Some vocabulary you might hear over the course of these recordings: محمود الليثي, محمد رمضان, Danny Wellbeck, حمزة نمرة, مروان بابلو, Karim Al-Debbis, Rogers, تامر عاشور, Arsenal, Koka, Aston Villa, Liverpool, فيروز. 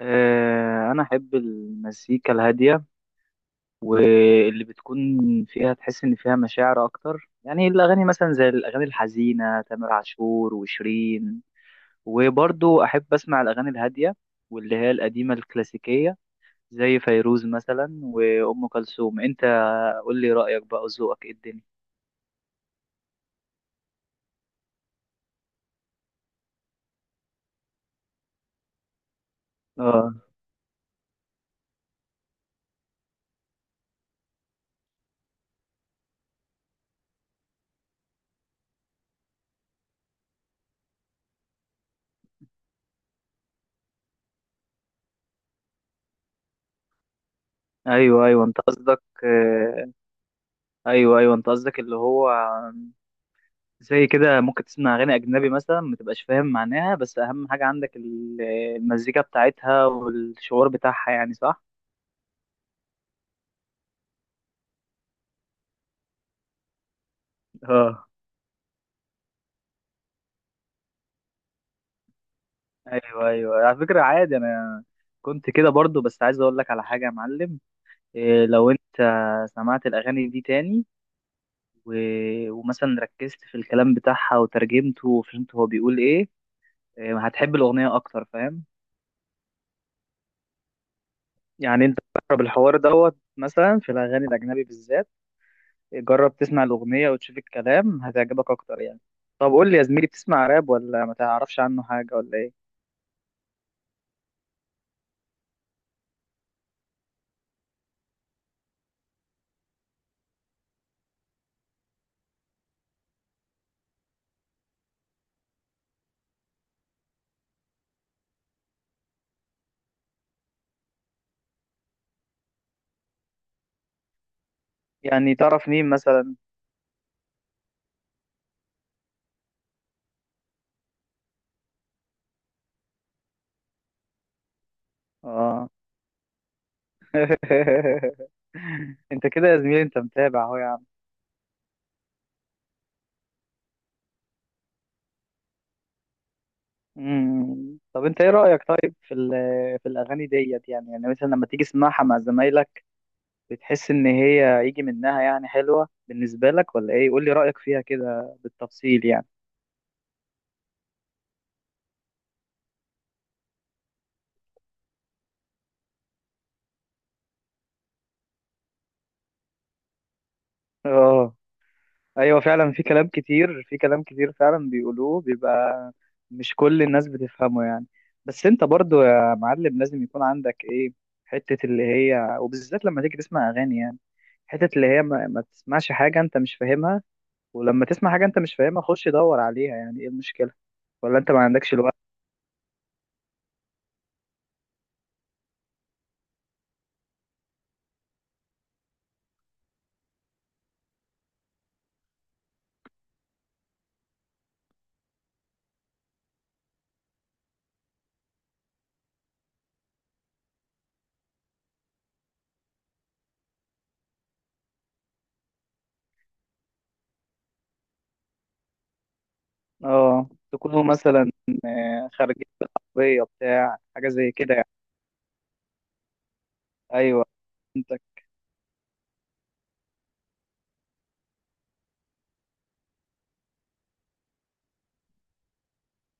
آه، أنا أحب المزيكا الهادية واللي بتكون فيها تحس إن فيها مشاعر أكتر. يعني الأغاني مثلا زي الأغاني الحزينة تامر عاشور وشيرين، وبرضو أحب أسمع الأغاني الهادية واللي هي القديمة الكلاسيكية زي فيروز مثلا وأم كلثوم. أنت قول لي رأيك بقى وذوقك إيه الدنيا. اه، ايوه ايوه انت قصدك آه، ايوه ايوه انت قصدك اللي هو زي كده ممكن تسمع اغاني اجنبي مثلا ما تبقاش فاهم معناها، بس اهم حاجه عندك المزيكا بتاعتها والشعور بتاعها، يعني صح. اه، ايوه ايوه على فكره عادي، انا كنت كده برضو، بس عايز اقول لك على حاجه يا معلم. إيه لو انت سمعت الاغاني دي تاني و... ومثلا ركزت في الكلام بتاعها وترجمته وفهمت هو بيقول ايه، إيه، هتحب الاغنيه اكتر، فاهم؟ يعني انت بتقرب الحوار دوت مثلا في الاغاني الاجنبي بالذات. جرب تسمع الأغنية وتشوف الكلام هتعجبك أكتر يعني. طب قول لي يا زميلي، بتسمع راب ولا ما تعرفش عنه حاجة ولا إيه؟ يعني تعرف مين مثلا؟ آه. أنت كده يا زميلي، أنت متابع أهو يا عم. مم. طب أنت إيه رأيك طيب في في الأغاني ديت، يعني يعني مثلا لما تيجي تسمعها مع زمايلك، بتحس إن هي يجي منها يعني حلوة بالنسبة لك ولا إيه؟ قول لي رأيك فيها كده بالتفصيل يعني. آه. ايوه فعلا في كلام كتير، في كلام كتير فعلا بيقولوه، بيبقى مش كل الناس بتفهمه يعني. بس انت برضو يا معلم لازم يكون عندك ايه، حتة اللي هي، وبالذات لما تيجي تسمع اغاني، يعني حتة اللي هي ما تسمعش حاجة انت مش فاهمها، ولما تسمع حاجة انت مش فاهمها خش دور عليها، يعني ايه المشكلة؟ ولا انت ما عندكش الوقت؟ اه، تكونوا مثلا خارجين بالعربية بتاع حاجة زي كده يعني. ايوه، انت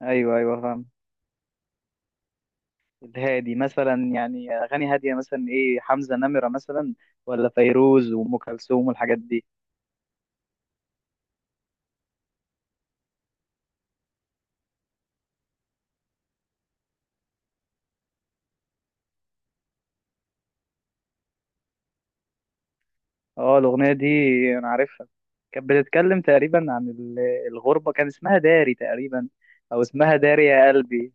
ايوه ايوه فاهم. الهادي مثلا، يعني اغاني هاديه مثلا ايه، حمزه نمره مثلا، ولا فيروز وام كلثوم والحاجات دي؟ اه الاغنيه دي انا عارفها، كانت بتتكلم تقريبا عن الغربه، كان اسمها داري تقريبا، او اسمها داري يا قلبي.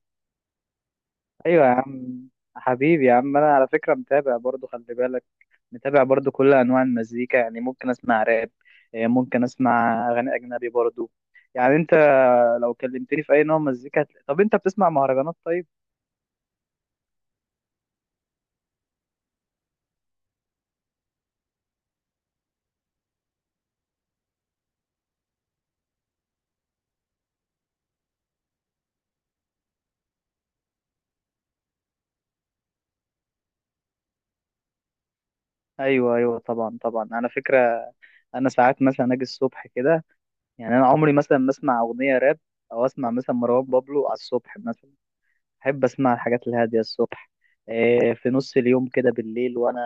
ايوه يا عم. حبيبي يا عم، انا على فكره متابع برضو، خلي بالك، متابع برضو كل انواع المزيكا، يعني ممكن اسمع راب، ممكن اسمع اغاني اجنبي برضو. يعني انت لو كلمتني في اي نوع مزيكا طب انت بتسمع مهرجانات طيب؟ ايوه ايوه طبعا طبعا، انا فكره، انا ساعات مثلا اجي الصبح كده يعني، انا عمري مثلا ما اسمع اغنيه راب او اسمع مثلا مروان بابلو على الصبح مثلا. احب اسمع الحاجات الهاديه الصبح. إيه، في نص اليوم كده بالليل وانا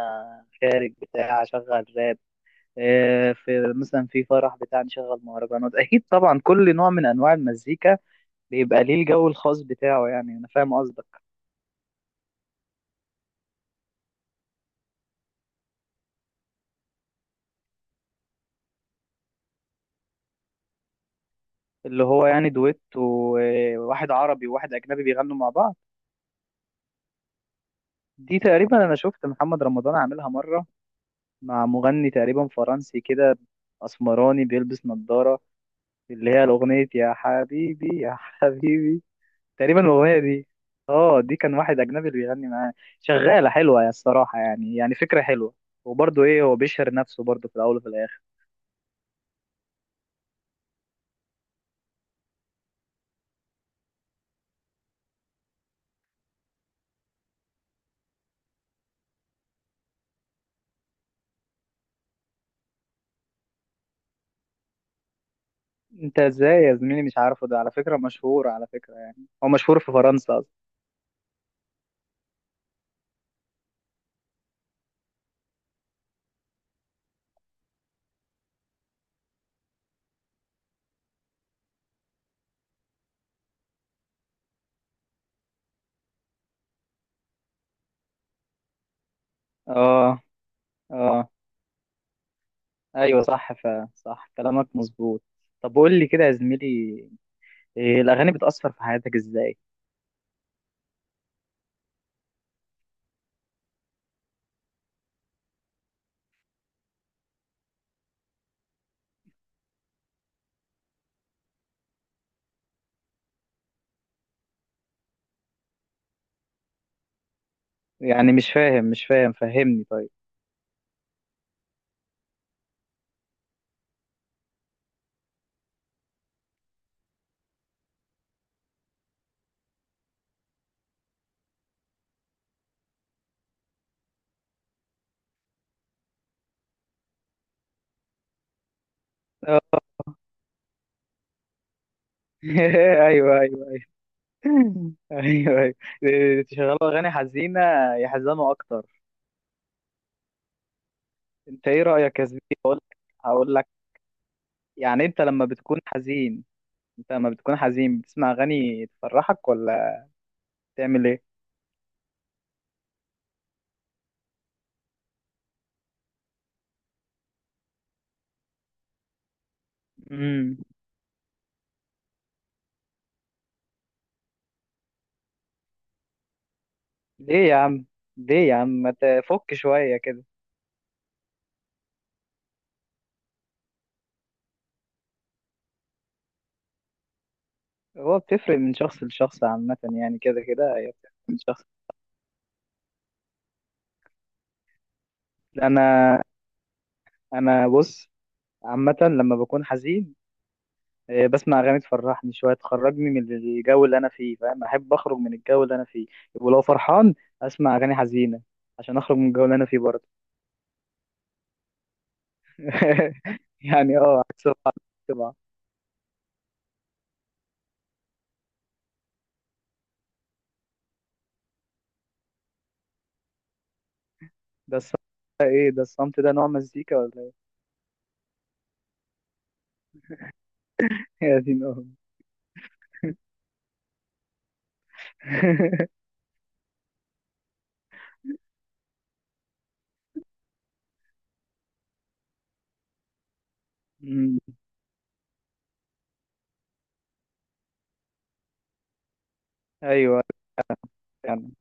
خارج بتاع اشغل راب. إيه، في مثلا في فرح بتاع نشغل مهرجانات. اكيد طبعا كل نوع من انواع المزيكا بيبقى ليه الجو الخاص بتاعه، يعني انا فاهم قصدك. اللي هو يعني دويت، وواحد عربي وواحد اجنبي بيغنوا مع بعض. دي تقريبا انا شفت محمد رمضان عاملها مره مع مغني تقريبا فرنسي كده، اسمراني بيلبس نظاره، اللي هي الاغنيه يا حبيبي يا حبيبي، تقريبا الاغنيه دي. اه، دي كان واحد اجنبي اللي بيغني معاه. شغاله حلوه يا الصراحه، يعني يعني فكره حلوه، وبرضه ايه، هو بيشهر نفسه برضه في الاول وفي الاخر. انت ازاي يا زميلي مش عارفه؟ ده على فكره مشهور، على فكره يعني هو مشهور في فرنسا اصلا. اه. اه ايوه صح، صح كلامك مظبوط. طب قول لي كده يا زميلي، إيه الأغاني بتأثر في حياتك إزاي؟ يعني مش فاهم، مش فاهم، فهمني طيب. آه. أيوه أيوه أيوه، أيوه أيوه، إيه، تشغلوا أغاني حزينة يحزنوا أكتر؟ أنت إيه رأيك يا زميلي؟ هقول لك، يعني أنت لما بتكون حزين، أنت لما بتكون حزين بتسمع أغاني تفرحك، ولا بتعمل إيه؟ امم. ليه يا عم؟ ليه يا عم؟ ما تفك شوية كده. هو بتفرق من شخص لشخص عامة يعني، كده كده هي بتفرق من شخص. أنا أنا بص، عامة لما بكون حزين، بسمع أغاني تفرحني شوية تخرجني من الجو اللي أنا فيه، فاهم، أحب أخرج من الجو اللي أنا فيه. ولو فرحان أسمع أغاني حزينة عشان أخرج من الجو اللي أنا فيه برضه. يعني أه، عكس بعض. طبعا. ده الصمت، ده إيه ده الصمت ده، نوع مزيكا ولا إيه؟ يا دين أمي. أمم، أيوه. يعني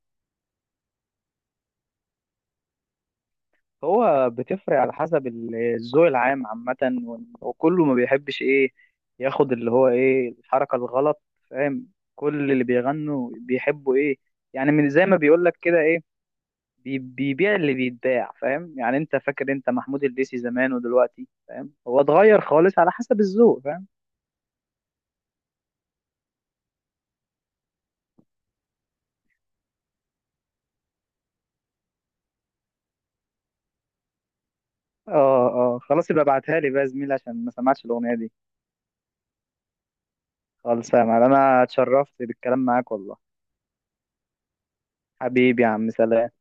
هو بتفرق على حسب الذوق العام عامة، وكله ما بيحبش ايه، ياخد اللي هو ايه، الحركة الغلط، فاهم، كل اللي بيغنوا بيحبوا ايه، يعني من زي ما بيقولك كده ايه، بيبيع اللي بيتباع، فاهم يعني. انت فاكر انت محمود الليثي زمان ودلوقتي؟ فاهم، هو اتغير خالص على حسب الذوق، فاهم. اه، اه خلاص، يبقى ابعتها لي بقى يا زميلي عشان ما سمعتش الاغنية دي. خالص يا معلم، انا اتشرفت بالكلام معاك والله. حبيبي يا عم، سلام.